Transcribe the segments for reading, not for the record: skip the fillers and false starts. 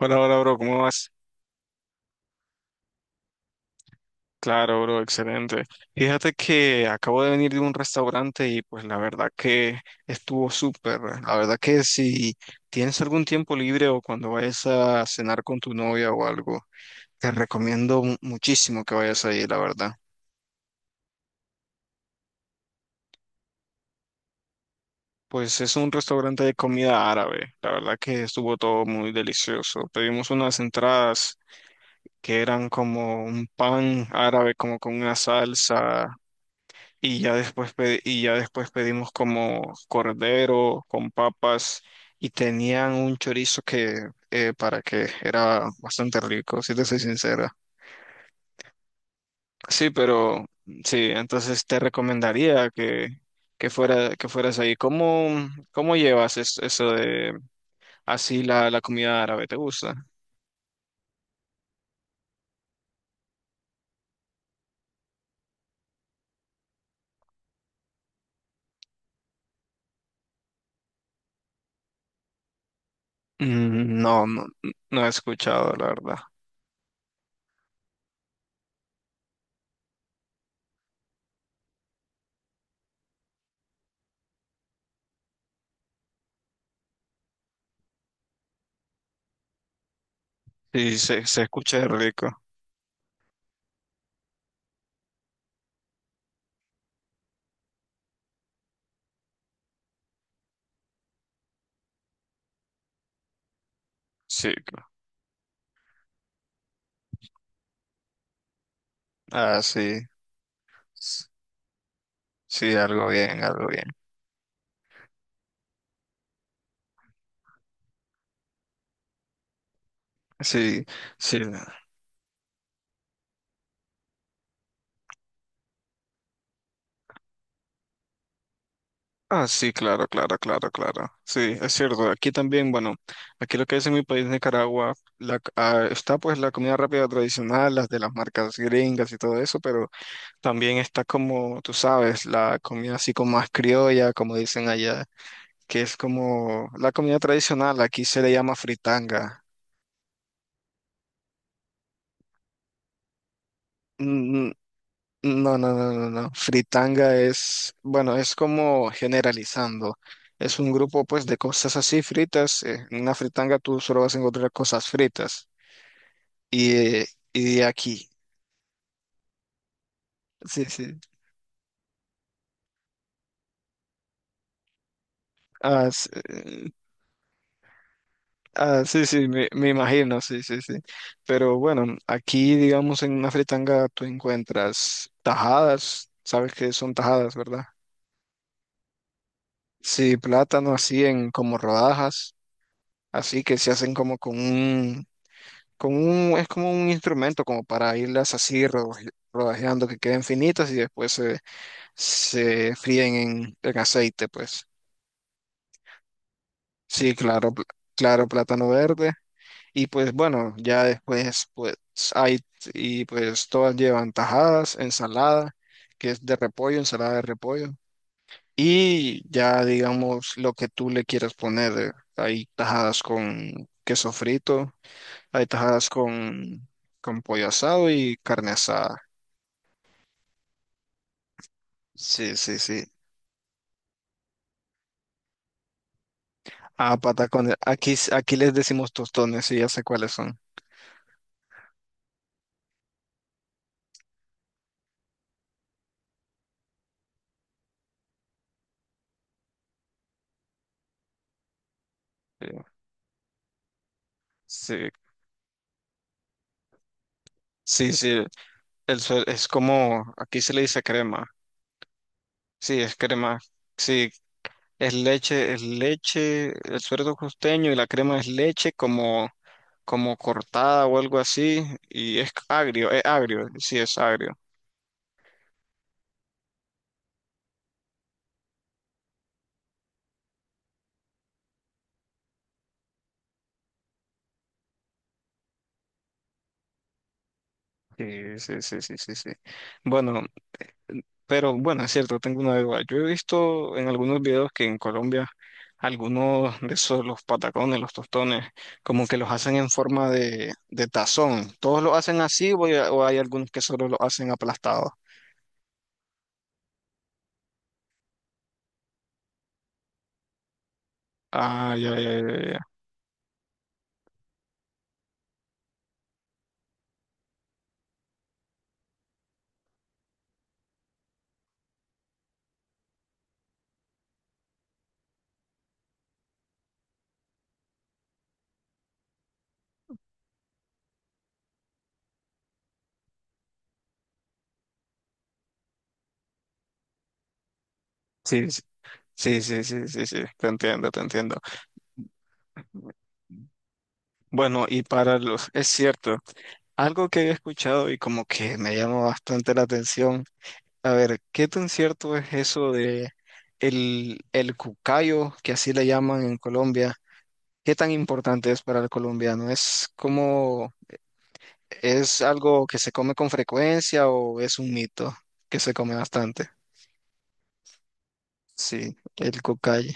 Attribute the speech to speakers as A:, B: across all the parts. A: Hola, hola, bro, ¿cómo vas? Claro, bro, excelente. Fíjate que acabo de venir de un restaurante y pues la verdad que estuvo súper. La verdad que si tienes algún tiempo libre o cuando vayas a cenar con tu novia o algo, te recomiendo muchísimo que vayas ahí, la verdad. Pues es un restaurante de comida árabe. La verdad que estuvo todo muy delicioso. Pedimos unas entradas que eran como un pan árabe, como con una salsa. Y ya después, pedimos como cordero con papas y tenían un chorizo que para que era bastante rico, si te soy sincera. Sí, pero sí, entonces te recomendaría que que fueras ahí. ¿Cómo llevas eso de así la comida árabe? ¿Te gusta? Mm. No, no, no he escuchado, la verdad. Sí, se escucha rico. Sí, ah, sí. Sí, algo bien, algo bien. Sí, sí. Ah, sí, claro, claro, claro, claro. Sí, es cierto. Aquí también, bueno, aquí lo que es en mi país, Nicaragua, está pues la comida rápida tradicional, las de las marcas gringas y todo eso, pero también está como, tú sabes, la comida así como más criolla, como dicen allá, que es como la comida tradicional. Aquí se le llama fritanga. Mm. No, no, no, no, no. Fritanga es, bueno, es como generalizando. Es un grupo pues de cosas así fritas. En una fritanga tú solo vas a encontrar cosas fritas. Y, eh, y aquí. Sí, sí. Ah, sí, ah, sí, sí, me imagino, sí, sí, sí. Pero bueno, aquí digamos en una fritanga tú encuentras tajadas. Sabes que son tajadas, ¿verdad? Sí, plátano así en como rodajas, así que se hacen como con un, es como un instrumento como para irlas así rodajeando que queden finitas y se fríen en aceite, pues. Sí, claro, claro, plátano verde. Y pues bueno, ya después pues hay, y pues todas llevan tajadas, ensalada, que es de repollo, ensalada de repollo. Y ya digamos lo que tú le quieras poner. Hay tajadas con queso frito, hay tajadas con pollo asado y carne asada. Sí, sí, sí. Ah, patacones. Aquí, aquí les decimos tostones y ya sé cuáles son. Sí, sí, sí. Sí. El es como, aquí se le dice crema. Sí, es crema. Sí, es leche, el suero costeño y la crema es leche como, como cortada o algo así. Y es agrio, es agrio. Sí, sí, sí, sí, sí, sí. Bueno, mm, pero bueno, es cierto, tengo una duda. Yo he visto en algunos videos que en Colombia algunos de esos, los patacones, los tostones, como que los hacen en forma de tazón. ¿Todos lo hacen así o hay algunos que solo lo hacen aplastado? Ah, ya, ya, ya, ya, ya. Sí, sí, sí, sí, sí, sí, sí, te entiendo, te entiendo. Bueno, y para los, es cierto, algo que he escuchado y como que me llama bastante la atención. A ver, ¿qué tan cierto es eso de el cucayo, que así le llaman en Colombia? ¿Qué tan importante es para el colombiano? ¿Es como, es algo que se come con frecuencia o es un mito que se come bastante? Sí, el cucayo.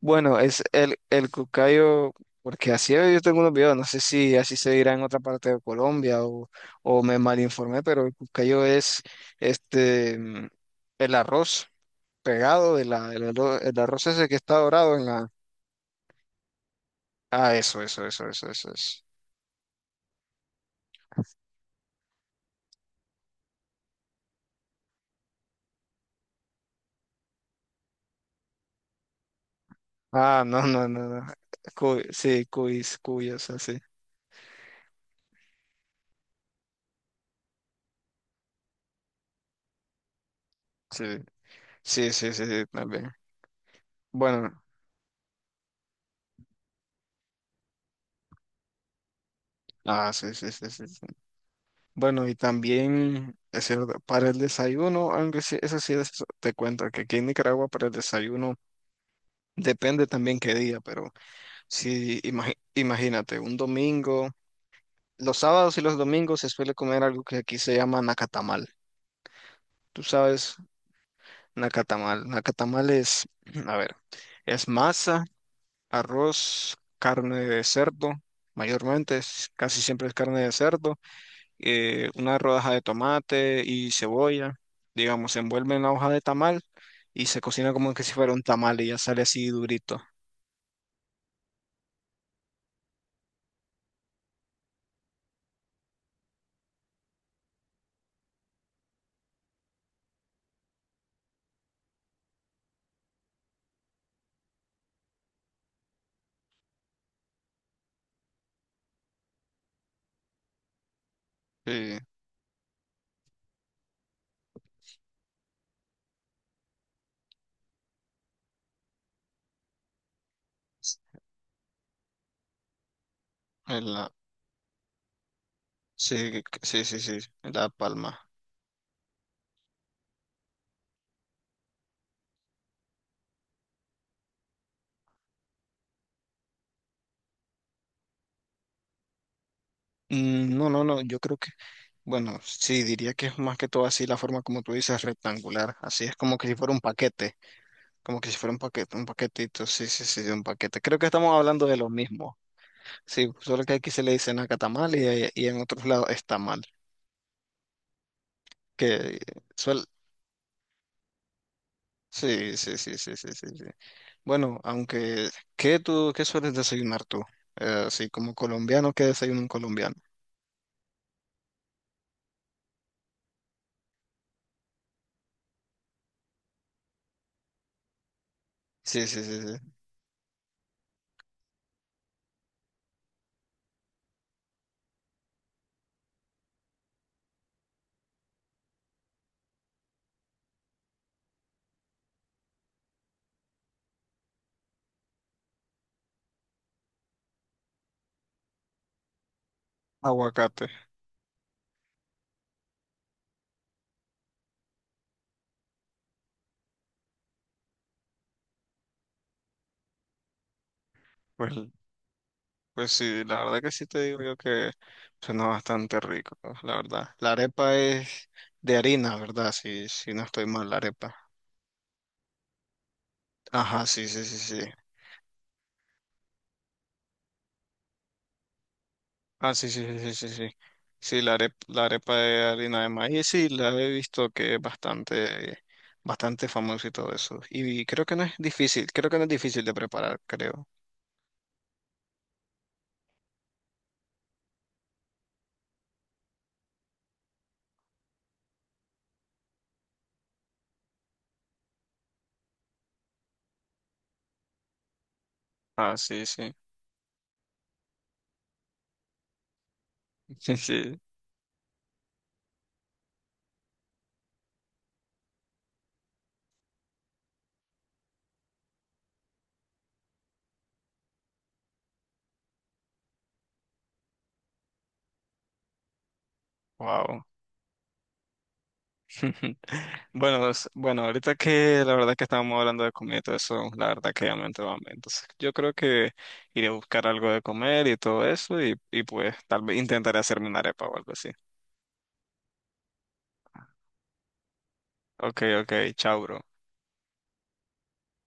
A: Bueno, es el cucayo, porque así yo tengo unos videos, no sé si así se dirá en otra parte de Colombia o me malinformé, pero el cucayo es este, mm, el arroz pegado de la, el arroz ese que está dorado en la... Ah, eso, eso, eso, eso, eso, eso. Ah, no, no, no, no. Sí, cuis, cuyas, así. Sí, sí, sí, sí, sí, también. Bueno, ah, sí, sí, sí, sí, sí. Bueno, y también, es cierto, para el desayuno, aunque sí, eso sí, te cuento que aquí en Nicaragua para el desayuno depende también qué día, pero sí, imagínate, un domingo, los sábados y los domingos se suele comer algo que aquí se llama nacatamal. ¿Tú sabes? Nacatamal. Nacatamal es, a ver, es masa, arroz, carne de cerdo, mayormente, casi siempre es carne de cerdo, una rodaja de tomate y cebolla, digamos, se envuelve en la hoja de tamal y se cocina como que si fuera un tamal y ya sale así durito. Sí, en la, sí, sí, sí, sí, en La Palma. Mm. No, no, no, yo creo que, bueno, sí, diría que es más que todo así la forma como tú dices, rectangular, así es como que si fuera un paquete. Como que si fuera un paquete, un paquetito, sí, sí, sí, de un paquete. Creo que estamos hablando de lo mismo. Sí, solo que aquí se le dicen nacatamal y, y en otros lados está mal. Que suel, sí, sí, sí, sí, sí, sí, sí. Bueno, aunque, ¿qué tú, qué sueles desayunar tú? Así como colombiano, ¿qué desayuna un colombiano? Sí, sí, sí, sí. Aguacate. Pues, pues sí, la verdad que sí te digo yo que suena bastante rico, la verdad. La arepa es de harina, ¿verdad? Si si no estoy mal, la arepa. Ajá, sí, sí, sí, sí. Ah, sí, sí, sí, sí, sí. Sí, sí, la arepa de harina de maíz, sí, la he visto que es bastante, bastante famoso y todo eso. Y creo que no es difícil, creo que no es difícil de preparar, creo. Ah, sí, sí, sí, sí. Wow. Bueno, bueno, ahorita que la verdad que estábamos hablando de comida y todo eso, la verdad que ya me entró hambre. Entonces, yo creo que iré a buscar algo de comer y todo eso y pues tal vez intentaré hacerme una arepa o algo así. Ok, ok, chao, bro.